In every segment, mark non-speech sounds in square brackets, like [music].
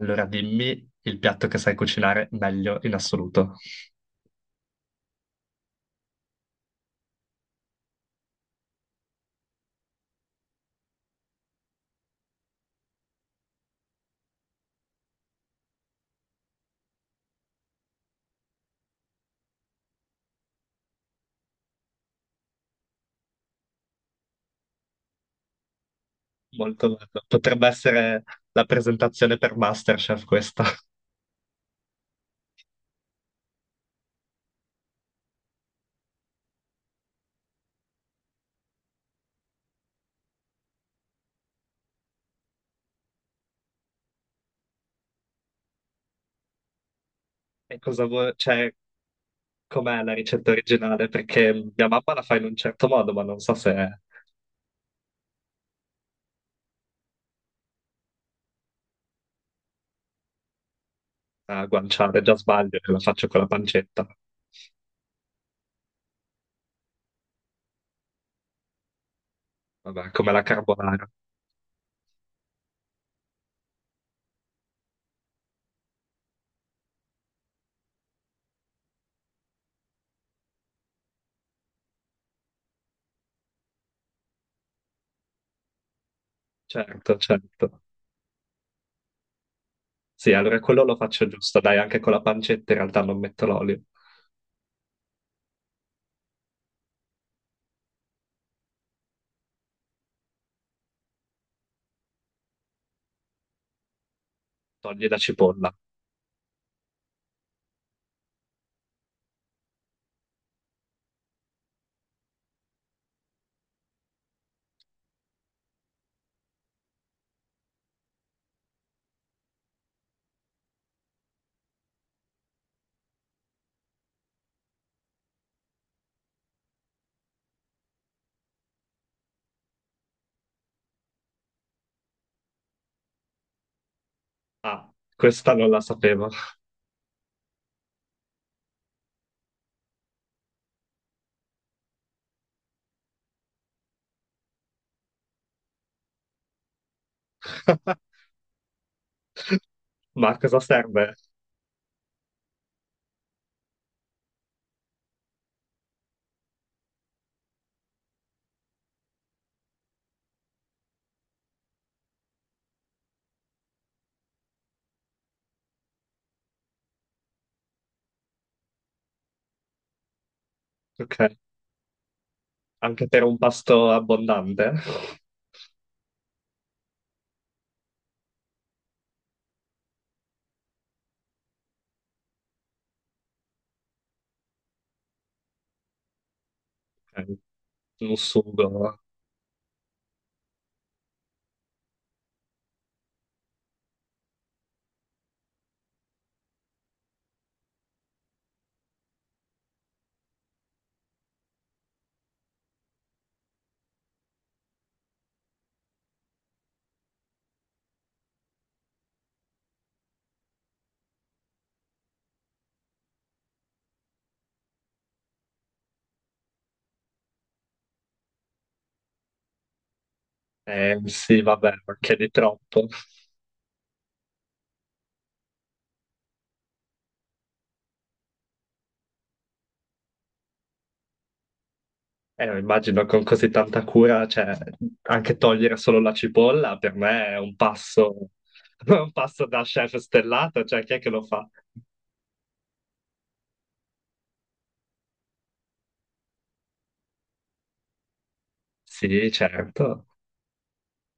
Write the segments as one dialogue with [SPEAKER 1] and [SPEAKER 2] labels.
[SPEAKER 1] Allora dimmi il piatto che sai cucinare meglio in assoluto. Molto bello. Potrebbe essere la presentazione per MasterChef questa. [laughs] E cosa vuoi, cioè, com'è la ricetta originale? Perché mia mamma la fa in un certo modo, ma non so se è a guanciale, già sbaglio, che la faccio con la pancetta. Vabbè, come la carbonara. Certo, certo. Sì, allora quello lo faccio giusto, dai, anche con la pancetta in realtà non metto l'olio. Togli la cipolla. Ah, questa non la sapevo. [laughs] Ma a cosa serve? Ok, anche per un pasto abbondante. Ok, un sugo, sì, vabbè, perché di troppo. Immagino con così tanta cura, cioè, anche togliere solo la cipolla per me è un passo, [laughs] un passo da chef stellato, cioè, chi è che lo fa? Sì, certo.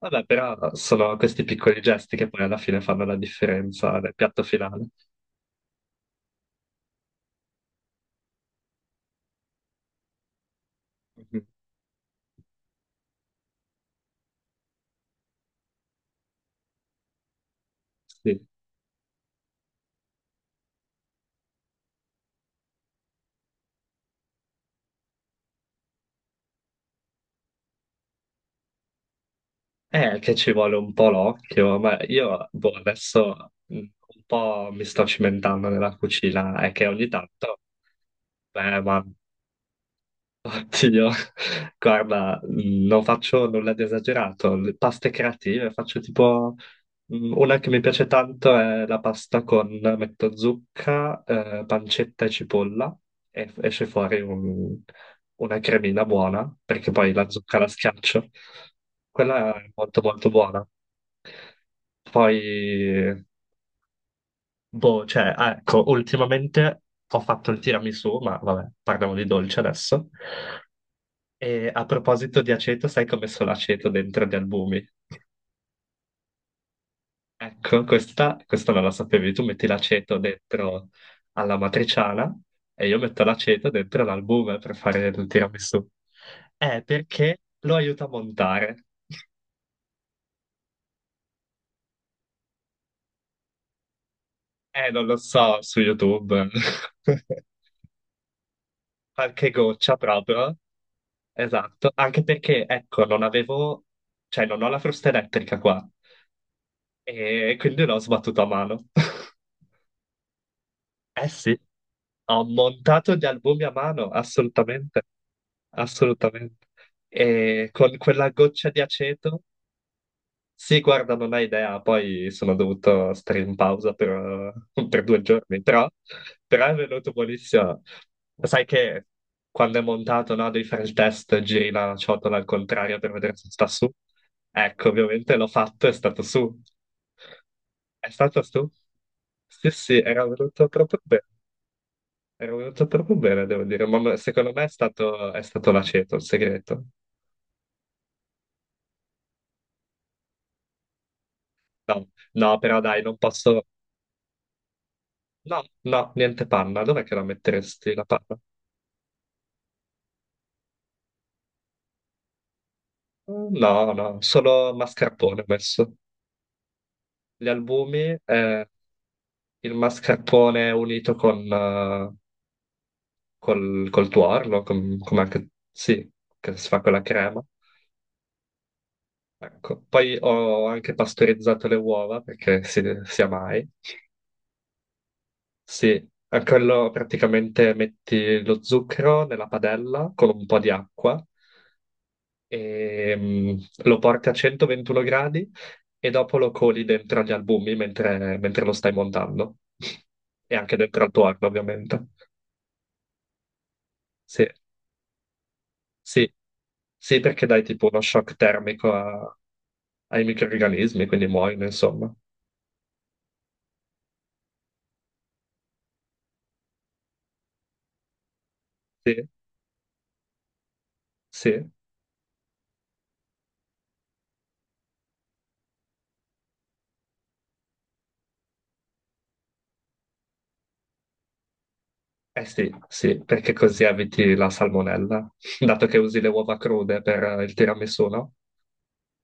[SPEAKER 1] Vabbè, però sono questi piccoli gesti che poi alla fine fanno la differenza nel piatto finale. Mhm. Sì. Che ci vuole un po' l'occhio, ma io boh, adesso un po' mi sto cimentando nella cucina, è che ogni tanto, beh, ma oddio, [laughs] guarda, non faccio nulla di esagerato. Le paste creative, faccio tipo una che mi piace tanto è la pasta con metto zucca, pancetta e cipolla e esce fuori una cremina buona perché poi la zucca la schiaccio. Quella è molto molto buona. Poi, boh, cioè, ah, ecco, ultimamente ho fatto il tiramisù, ma vabbè, parliamo di dolce adesso. E a proposito di aceto, sai come messo l'aceto dentro gli albumi? Ecco, questa non la sapevi. Tu metti l'aceto dentro alla matriciana e io metto l'aceto dentro l'albume per fare il tiramisù. Perché lo aiuta a montare. Non lo so, su YouTube. [laughs] Qualche goccia proprio. Esatto. Anche perché, ecco, non avevo... Cioè, non ho la frusta elettrica qua. E quindi l'ho sbattuto a mano. [laughs] Eh sì. Ho montato gli albumi a mano, assolutamente, assolutamente. E con quella goccia di aceto, sì, guarda, non hai idea, poi sono dovuto stare in pausa per, [laughs] per 2 giorni, però, però è venuto buonissimo. Sai che quando è montato, no, devi fare il test, giri la ciotola al contrario per vedere se sta su. Ecco, ovviamente l'ho fatto, è stato su. È stato su? Sì, sì, era venuto proprio bene. È venuto proprio bene, devo dire, ma secondo me è stato l'aceto, il segreto. No, no, però dai, non posso... No, no, niente panna. Dov'è che la metteresti la panna? No, no, solo mascarpone ho messo. Gli albumi, il mascarpone unito con, col tuorlo, come anche... Sì, che si fa con la crema. Ecco. Poi ho anche pastorizzato le uova, perché si, sia mai. Sì, a quello praticamente metti lo zucchero nella padella con un po' di acqua e lo porti a 121 gradi e dopo lo coli dentro agli albumi mentre lo stai montando. [laughs] E anche dentro al tuo forno, ovviamente. Sì, sì, sì, perché dai tipo uno shock termico ai microrganismi, quindi muoiono, insomma. Sì, sì. Eh sì, sì, perché così eviti la salmonella, [laughs] dato che usi le uova crude per il tiramisù, no?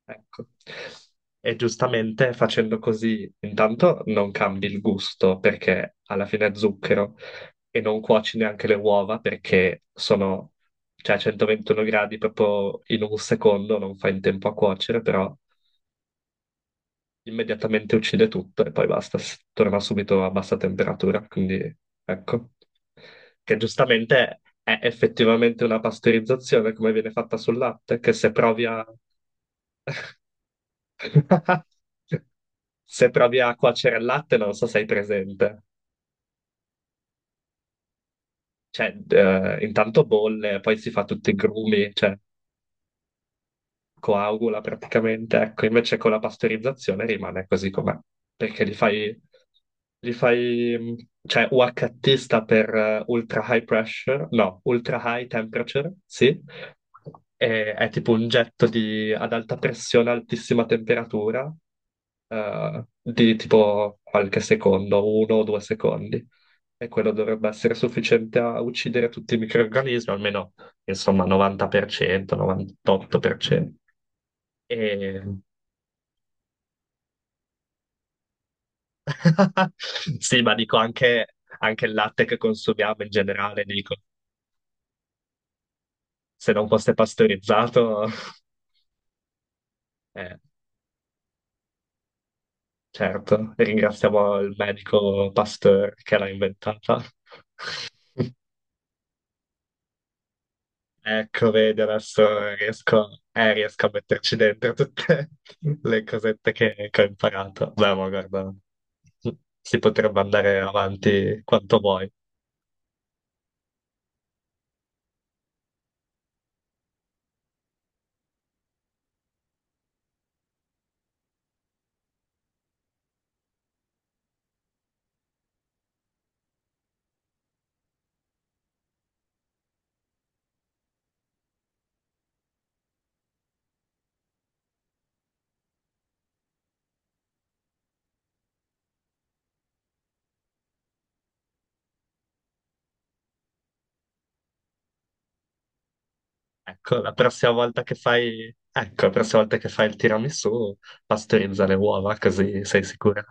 [SPEAKER 1] Ecco. E giustamente facendo così, intanto non cambi il gusto perché alla fine è zucchero e non cuoci neanche le uova perché sono, cioè, a 121 gradi proprio in un secondo, non fai in tempo a cuocere, però immediatamente uccide tutto e poi basta, torna subito a bassa temperatura, quindi ecco che giustamente è effettivamente una pastorizzazione come viene fatta sul latte, che se provi a... [laughs] Se provi a cuocere il latte non so se hai presente. Cioè, intanto bolle, poi si fa tutti i grumi, cioè coagula praticamente, ecco, invece con la pastorizzazione rimane così com'è, perché li fai, cioè UHT sta per ultra high pressure, no, ultra high temperature, sì. E è tipo un getto di, ad alta pressione, altissima temperatura, di tipo qualche secondo, 1 o 2 secondi. E quello dovrebbe essere sufficiente a uccidere tutti i microrganismi, almeno insomma 90%, 98%. E... [laughs] Sì, ma dico anche, anche il latte che consumiamo in generale, dico, se non fosse pastorizzato, [laughs] eh, certo, ringraziamo il medico Pasteur che l'ha inventata. [laughs] Ecco, vedi, adesso riesco, riesco a metterci dentro tutte [laughs] le cosette che ho imparato. Beh, ma guarda, si potrebbe andare avanti quanto vuoi. Ecco, la prossima volta che fai, ecco, la prossima volta che fai il tiramisù, pastorizza le uova, così sei sicuro.